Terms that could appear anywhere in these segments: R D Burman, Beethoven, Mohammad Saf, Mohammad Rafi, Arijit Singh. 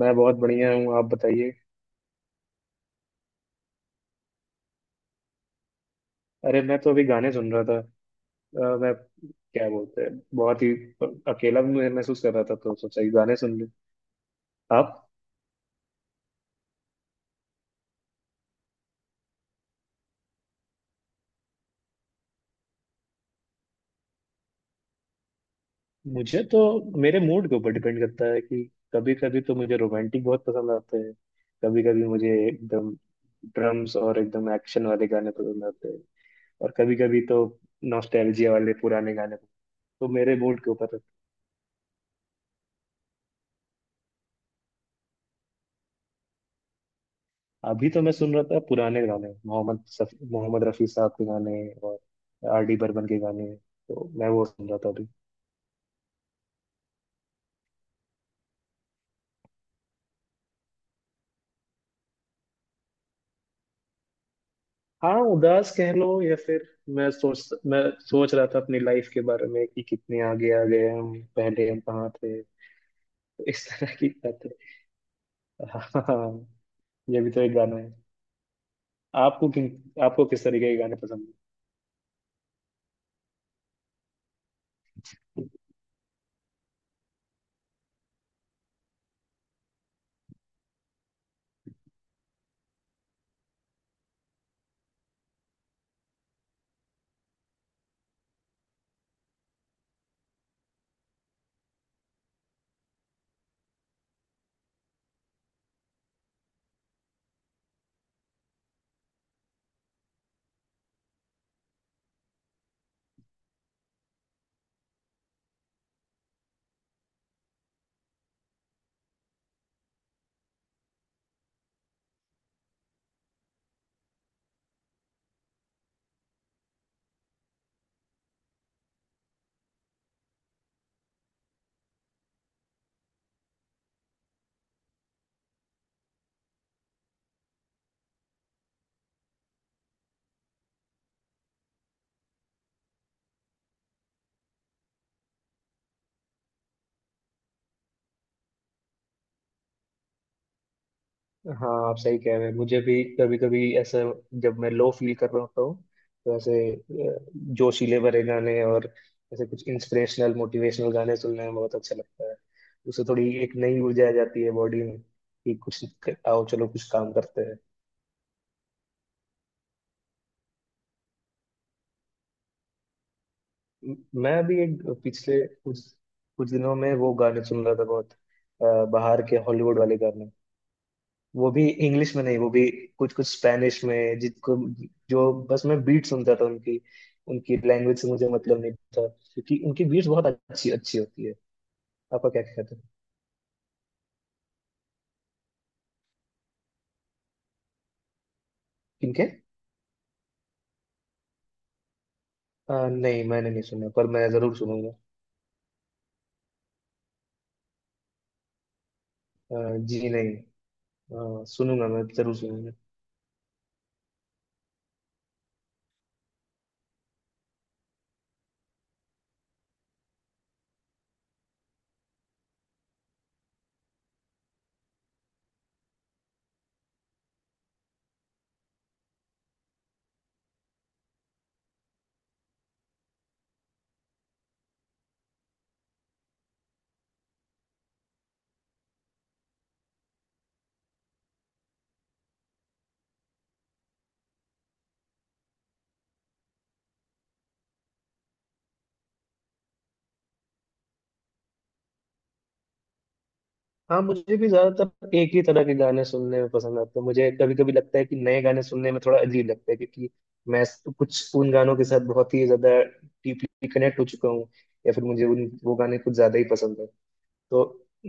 मैं बहुत बढ़िया हूँ, आप बताइए। अरे मैं तो अभी गाने सुन रहा था। मैं क्या बोलते हैं, बहुत ही अकेला भी महसूस कर रहा था, तो सोचा कि गाने सुन लूँ। आप? मुझे तो मेरे मूड के ऊपर डिपेंड करता है कि कभी कभी तो मुझे रोमांटिक बहुत पसंद आते हैं, कभी कभी मुझे एकदम ड्रम्स और एकदम एक्शन वाले गाने पसंद आते हैं, और कभी कभी तो नॉस्टैल्जिया वाले पुराने गाने। तो मेरे मूड के ऊपर। अभी तो मैं सुन रहा था पुराने गाने, मोहम्मद रफी साहब के गाने, और आर डी बर्मन के गाने। तो मैं वो सुन रहा था अभी। हाँ, उदास कह लो या फिर मैं सोच रहा था अपनी लाइफ के बारे में कि कितने आगे आ गए हम, पहले हम कहाँ थे। तो इस तरह की बातें। हाँ, ये भी तो एक गाना है। आपको किन आपको किस तरीके के गाने पसंद? हाँ, आप सही कह रहे हैं। मुझे भी कभी कभी ऐसे, जब मैं लो फील कर रहा होता हूँ, तो ऐसे जोशीले भरे गाने और ऐसे कुछ इंस्पिरेशनल मोटिवेशनल गाने सुनने में बहुत अच्छा लगता है। उससे थोड़ी एक नई ऊर्जा आ जाती है बॉडी में कि कुछ आओ चलो कुछ काम करते हैं। म- मैं अभी एक पिछले कुछ कुछ दिनों में वो गाने सुन रहा था, बहुत बाहर के हॉलीवुड वाले गाने। वो भी इंग्लिश में नहीं, वो भी कुछ कुछ स्पेनिश में, जिनको जो बस मैं बीट सुनता था। उनकी उनकी लैंग्वेज से मुझे मतलब नहीं था, क्योंकि उनकी बीट्स बहुत अच्छी अच्छी होती है। आपका क्या कहते हैं। किनके? नहीं, मैंने नहीं सुना, पर मैं जरूर सुनूंगा। जी नहीं, सुनूंगा, मैं जरूर सुनूंगा। हाँ, मुझे भी ज्यादातर एक ही तरह के गाने सुनने में पसंद आते हैं। मुझे कभी कभी लगता है कि नए गाने सुनने में थोड़ा अजीब लगता है, क्योंकि कुछ उन गानों के साथ बहुत ही ज्यादा डीपली कनेक्ट हो चुका हूँ, या फिर मुझे उन वो गाने कुछ ज्यादा ही पसंद है। तो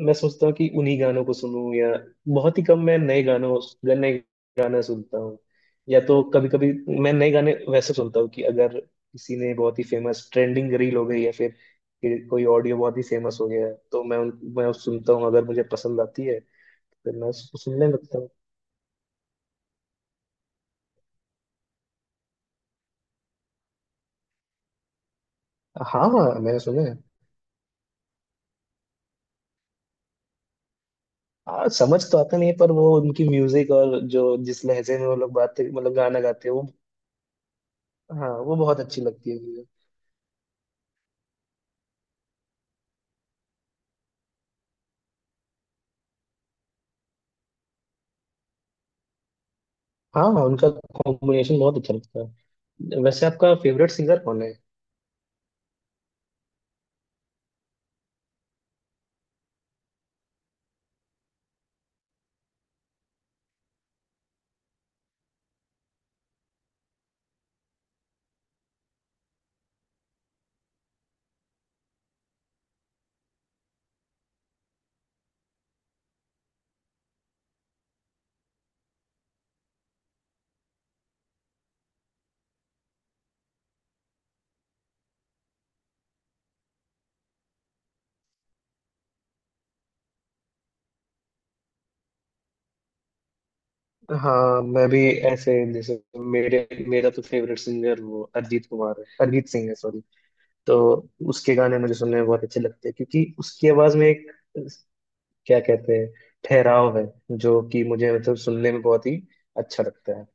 मैं सोचता हूँ कि उन्हीं गानों को सुनूं, या बहुत ही कम मैं नए गाना सुनता हूँ। या तो कभी कभी मैं नए गाने वैसे सुनता हूँ कि अगर किसी ने बहुत ही फेमस ट्रेंडिंग रील हो गई, या फिर कि कोई ऑडियो बहुत ही फेमस हो गया है, तो मैं उस सुनता हूँ, अगर मुझे पसंद आती है फिर मैं उसको सुनने लगता हूँ। हाँ हाँ, मैंने सुना है। हाँ, समझ तो आता नहीं है, पर वो उनकी म्यूजिक और जो जिस लहजे में वो लोग बात मतलब गाना गाते हैं वो, हाँ, वो बहुत अच्छी लगती है। हाँ हाँ, उनका कॉम्बिनेशन बहुत अच्छा लगता है। वैसे आपका फेवरेट सिंगर कौन है? हाँ, मैं भी ऐसे जैसे, मेरे मेरा तो फेवरेट सिंगर वो अरिजीत सिंह है, सॉरी। तो उसके गाने मुझे सुनने में बहुत अच्छे लगते हैं, क्योंकि उसकी आवाज में एक क्या कहते हैं ठहराव है, जो कि मुझे मतलब सुनने में बहुत ही अच्छा लगता है।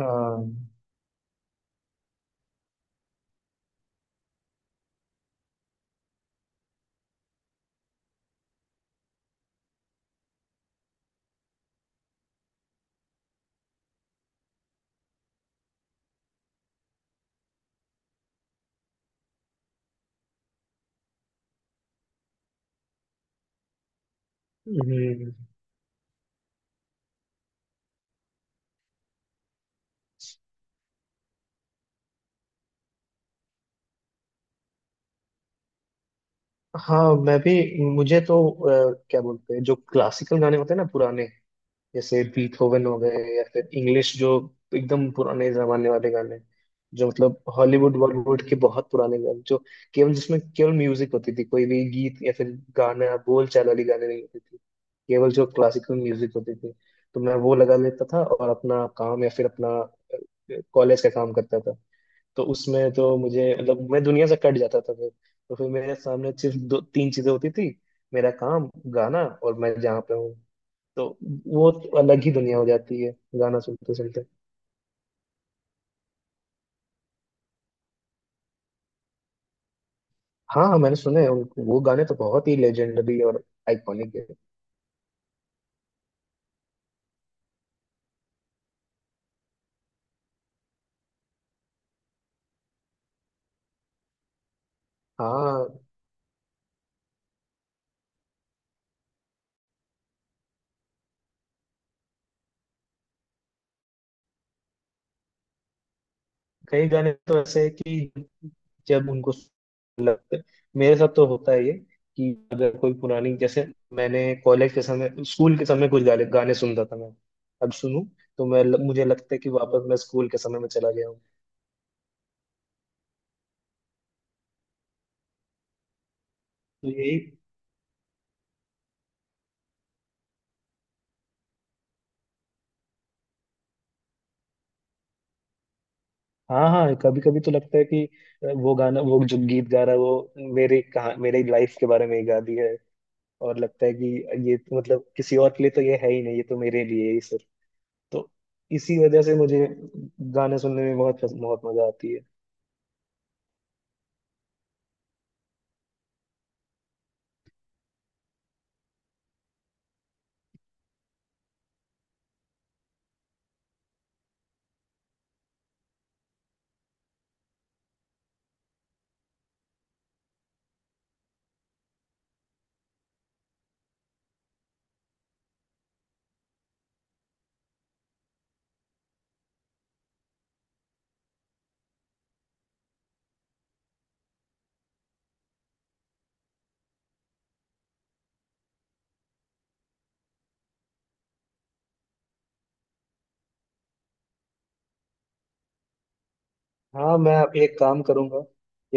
हाँ। हम्म। हाँ, मैं भी। मुझे तो क्या बोलते हैं, जो क्लासिकल गाने होते हैं ना पुराने, जैसे बीथोवन हो गए, या फिर इंग्लिश जो एकदम पुराने जमाने वाले गाने, जो मतलब हॉलीवुड बॉलीवुड के बहुत पुराने गाने, जो केवल म्यूजिक होती थी, कोई भी गीत या फिर गाना बोल चाल वाली गाने नहीं होती थी, केवल जो क्लासिकल म्यूजिक होती थी, तो मैं वो लगा लेता था और अपना काम या फिर अपना कॉलेज का काम करता था। तो उसमें तो मुझे मतलब मैं दुनिया से कट जाता था फिर। तो फिर मेरे सामने सिर्फ दो तीन चीजें होती थी: मेरा काम, गाना, और मैं जहाँ पे हूँ। तो वो तो अलग ही दुनिया हो जाती है गाना सुनते सुनते। हाँ हाँ, मैंने सुने हैं उनको। वो गाने तो बहुत ही लेजेंडरी और आइकॉनिक है। हाँ, कई गाने तो ऐसे हैं कि जब उनको लगते, मेरे साथ तो होता है ये कि अगर कोई पुरानी जैसे मैंने कॉलेज के समय, स्कूल के समय कुछ गाने गाने सुनता था, मैं अब सुनूं, तो मैं मुझे लगता है कि वापस मैं स्कूल के समय में चला गया हूँ। तो यही। हाँ हाँ, कभी कभी तो लगता है कि वो गाना वो जो गीत गा रहा है वो मेरे लाइफ के बारे में ही गा दी है, और लगता है कि ये तो मतलब किसी और के लिए तो ये है ही नहीं, ये तो मेरे लिए ही सिर्फ। तो इसी वजह से मुझे गाने सुनने में बहुत बहुत मजा आती है। हाँ, मैं एक काम करूंगा,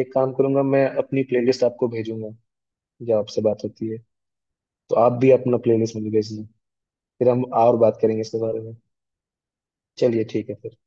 मैं अपनी प्लेलिस्ट आपको भेजूंगा, जो आपसे बात होती है। तो आप भी अपना प्लेलिस्ट मुझे भेजना, फिर हम और बात करेंगे इसके बारे में। चलिए, ठीक है फिर।